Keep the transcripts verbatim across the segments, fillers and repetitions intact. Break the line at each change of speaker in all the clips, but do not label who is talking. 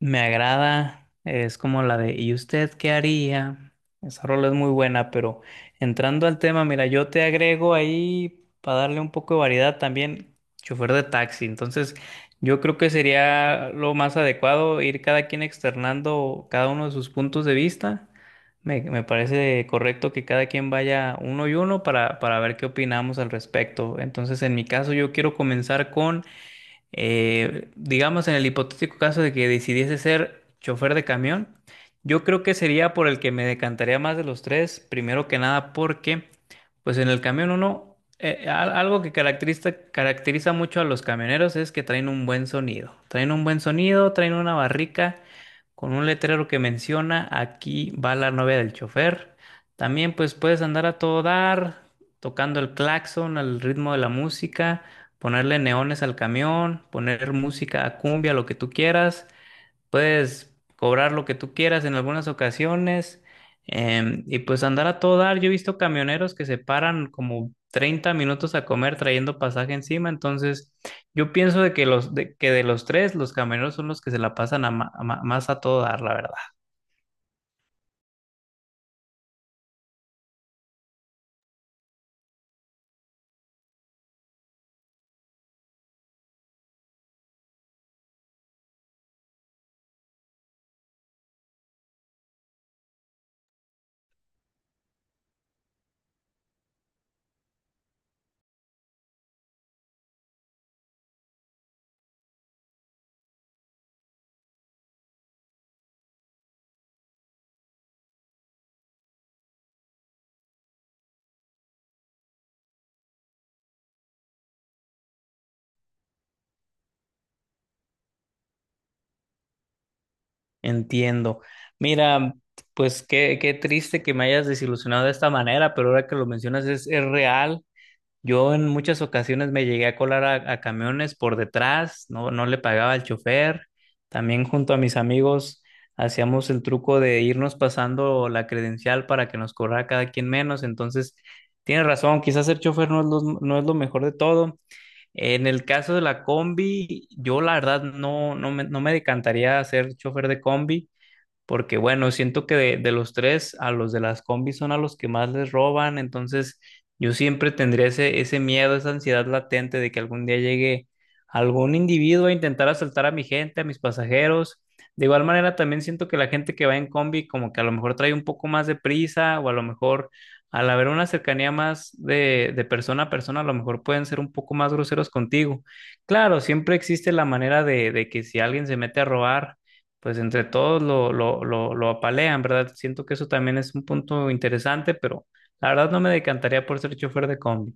Me agrada, es como la de "¿Y usted qué haría?". Esa rola es muy buena, pero entrando al tema, mira, yo te agrego ahí para darle un poco de variedad también, chofer de taxi. Entonces, yo creo que sería lo más adecuado ir cada quien externando cada uno de sus puntos de vista. Me, me parece correcto que cada quien vaya uno y uno para, para ver qué opinamos al respecto. Entonces, en mi caso, yo quiero comenzar con eh, digamos, en el hipotético caso de que decidiese ser chofer de camión, yo creo que sería por el que me decantaría más de los tres, primero que nada porque, pues en el camión uno, eh, al- algo que caracteriza, caracteriza mucho a los camioneros es que traen un buen sonido, traen un buen sonido, traen una barrica con un letrero que menciona, aquí va la novia del chofer. También pues puedes andar a todo dar, tocando el claxon al ritmo de la música, ponerle neones al camión, poner música a cumbia, lo que tú quieras, puedes cobrar lo que tú quieras en algunas ocasiones, em, y pues andar a todo dar. Yo he visto camioneros que se paran como treinta minutos a comer trayendo pasaje encima, entonces yo pienso de que los de, que de los tres, los camioneros son los que se la pasan a ma- a ma- más a todo dar, la verdad. Entiendo. Mira, pues qué, qué triste que me hayas desilusionado de esta manera, pero ahora que lo mencionas es, es real. Yo en muchas ocasiones me llegué a colar a, a camiones por detrás, no, no le pagaba al chofer. También junto a mis amigos hacíamos el truco de irnos pasando la credencial para que nos corra cada quien menos. Entonces, tienes razón, quizás ser chofer no es lo, no es lo mejor de todo. En el caso de la combi, yo la verdad no, no me, no me decantaría a ser chofer de combi. Porque bueno, siento que de, de los tres, a los de las combis son a los que más les roban, entonces yo siempre tendría ese, ese miedo, esa ansiedad latente de que algún día llegue algún individuo a intentar asaltar a mi gente, a mis pasajeros. De igual manera, también siento que la gente que va en combi como que a lo mejor trae un poco más de prisa o a lo mejor al haber una cercanía más de, de persona a persona, a lo mejor pueden ser un poco más groseros contigo. Claro, siempre existe la manera de, de que si alguien se mete a robar, pues entre todos lo, lo, lo, lo apalean, ¿verdad? Siento que eso también es un punto interesante, pero la verdad no me decantaría por ser chofer de combi.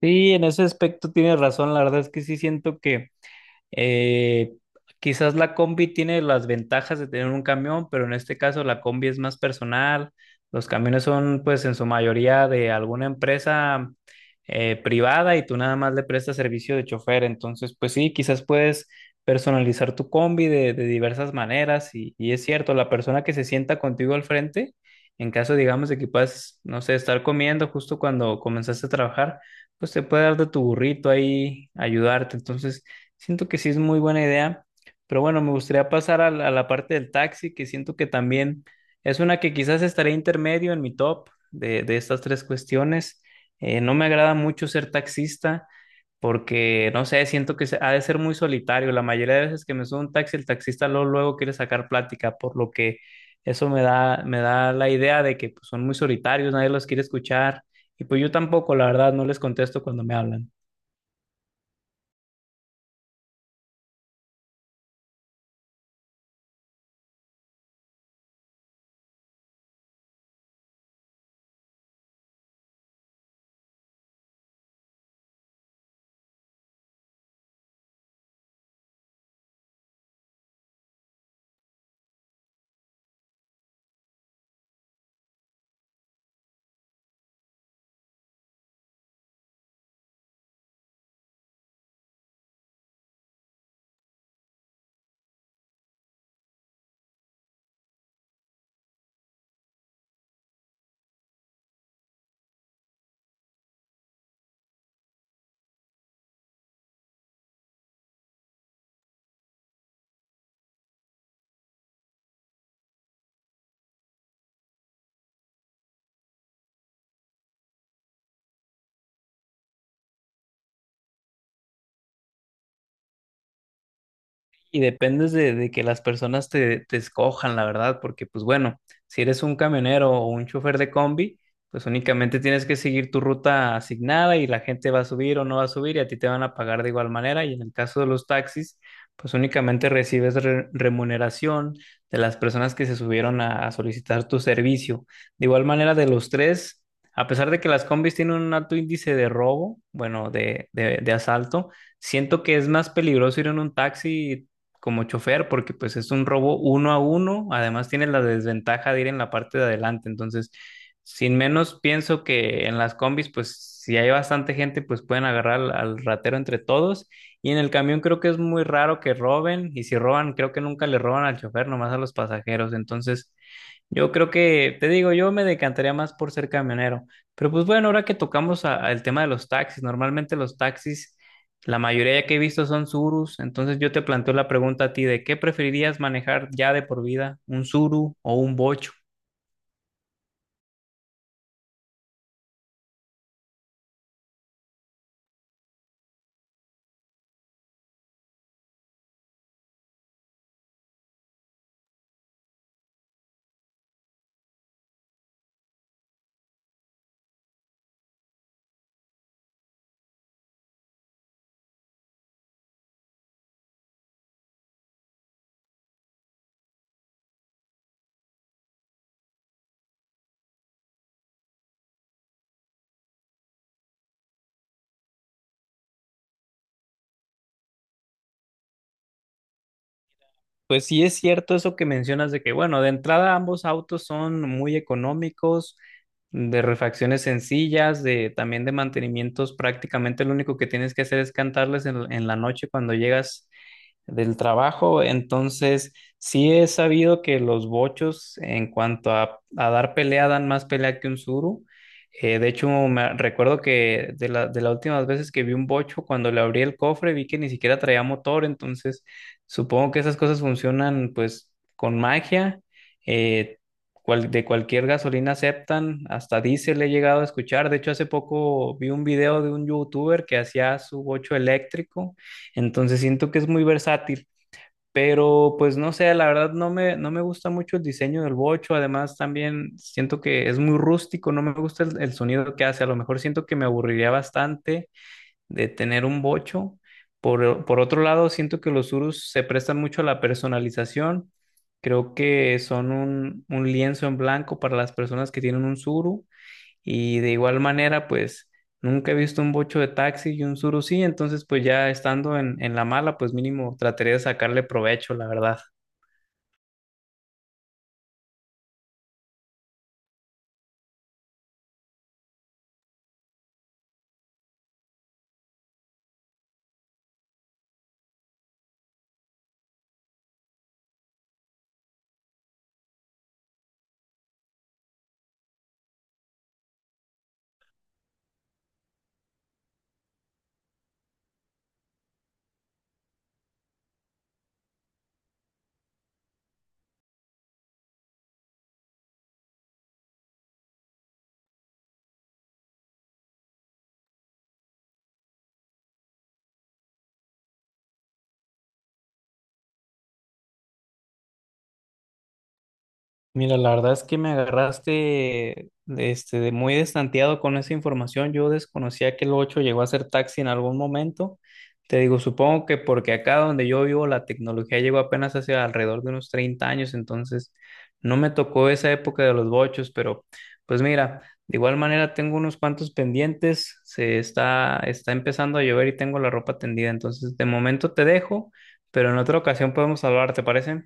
Sí, en ese aspecto tienes razón, la verdad es que sí siento que Eh, quizás la combi tiene las ventajas de tener un camión, pero en este caso la combi es más personal. Los camiones son pues en su mayoría de alguna empresa eh, privada y tú nada más le prestas servicio de chofer. Entonces, pues sí, quizás puedes personalizar tu combi de, de diversas maneras y, y es cierto, la persona que se sienta contigo al frente, en caso digamos de que puedas, no sé, estar comiendo justo cuando comenzaste a trabajar, pues te puede dar de tu burrito ahí, ayudarte. Entonces, siento que sí es muy buena idea, pero bueno, me gustaría pasar a la, a la parte del taxi, que siento que también es una que quizás estaría intermedio en mi top de, de estas tres cuestiones. Eh, no me agrada mucho ser taxista porque, no sé, siento que se- ha de ser muy solitario. La mayoría de veces que me subo a un taxi, el taxista luego, luego quiere sacar plática, por lo que eso me da, me da la idea de que pues, son muy solitarios, nadie los quiere escuchar y pues yo tampoco, la verdad, no les contesto cuando me hablan. Y dependes de, de que las personas te, te escojan, la verdad, porque pues bueno, si eres un camionero o un chofer de combi, pues únicamente tienes que seguir tu ruta asignada y la gente va a subir o no va a subir y a ti te van a pagar de igual manera. Y en el caso de los taxis, pues únicamente recibes re- remuneración de las personas que se subieron a, a solicitar tu servicio. De igual manera, de los tres, a pesar de que las combis tienen un alto índice de robo, bueno, de, de de asalto, siento que es más peligroso ir en un taxi como chofer, porque pues es un robo uno a uno, además tiene la desventaja de ir en la parte de adelante, entonces, sin menos pienso que en las combis, pues si hay bastante gente, pues pueden agarrar al, al ratero entre todos, y en el camión creo que es muy raro que roben, y si roban, creo que nunca le roban al chofer, nomás a los pasajeros, entonces… Yo creo que, te digo, yo me decantaría más por ser camionero. Pero pues bueno, ahora que tocamos a- al tema de los taxis, normalmente los taxis la mayoría que he visto son Surus, entonces yo te planteo la pregunta a ti de qué preferirías manejar ya de por vida, ¿un Suru o un Bocho? Pues sí es cierto eso que mencionas de que, bueno, de entrada ambos autos son muy económicos, de refacciones sencillas, de también de mantenimientos, prácticamente lo único que tienes que hacer es cantarles en, en la noche cuando llegas del trabajo. Entonces, sí he sabido que los bochos en cuanto a, a dar pelea dan más pelea que un suru. Eh, de hecho, me recuerdo que de la, de las últimas veces que vi un bocho, cuando le abrí el cofre, vi que ni siquiera traía motor. Entonces, supongo que esas cosas funcionan pues con magia. Eh, cual- de cualquier gasolina aceptan, hasta diésel he llegado a escuchar. De hecho, hace poco vi un video de un youtuber que hacía su bocho eléctrico, entonces siento que es muy versátil, pero pues no sé, la verdad no me, no me gusta mucho el diseño del bocho, además también siento que es muy rústico, no me gusta el, el sonido que hace, a lo mejor siento que me aburriría bastante de tener un bocho. Por, por otro lado, siento que los urus se prestan mucho a la personalización, creo que son un, un lienzo en blanco para las personas que tienen un suru y de igual manera, pues nunca he visto un bocho de taxi y un surusí, entonces pues ya estando en, en la mala, pues mínimo trataría de sacarle provecho, la verdad. Mira, la verdad es que me agarraste este, de muy destanteado con esa información. Yo desconocía que el ocho llegó a ser taxi en algún momento. Te digo, supongo que porque acá donde yo vivo la tecnología llegó apenas hace alrededor de unos treinta años, entonces no me tocó esa época de los bochos, pero pues mira, de igual manera tengo unos cuantos pendientes, se está, está empezando a llover y tengo la ropa tendida, entonces de momento te dejo, pero en otra ocasión podemos hablar, ¿te parece?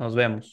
Nos vemos.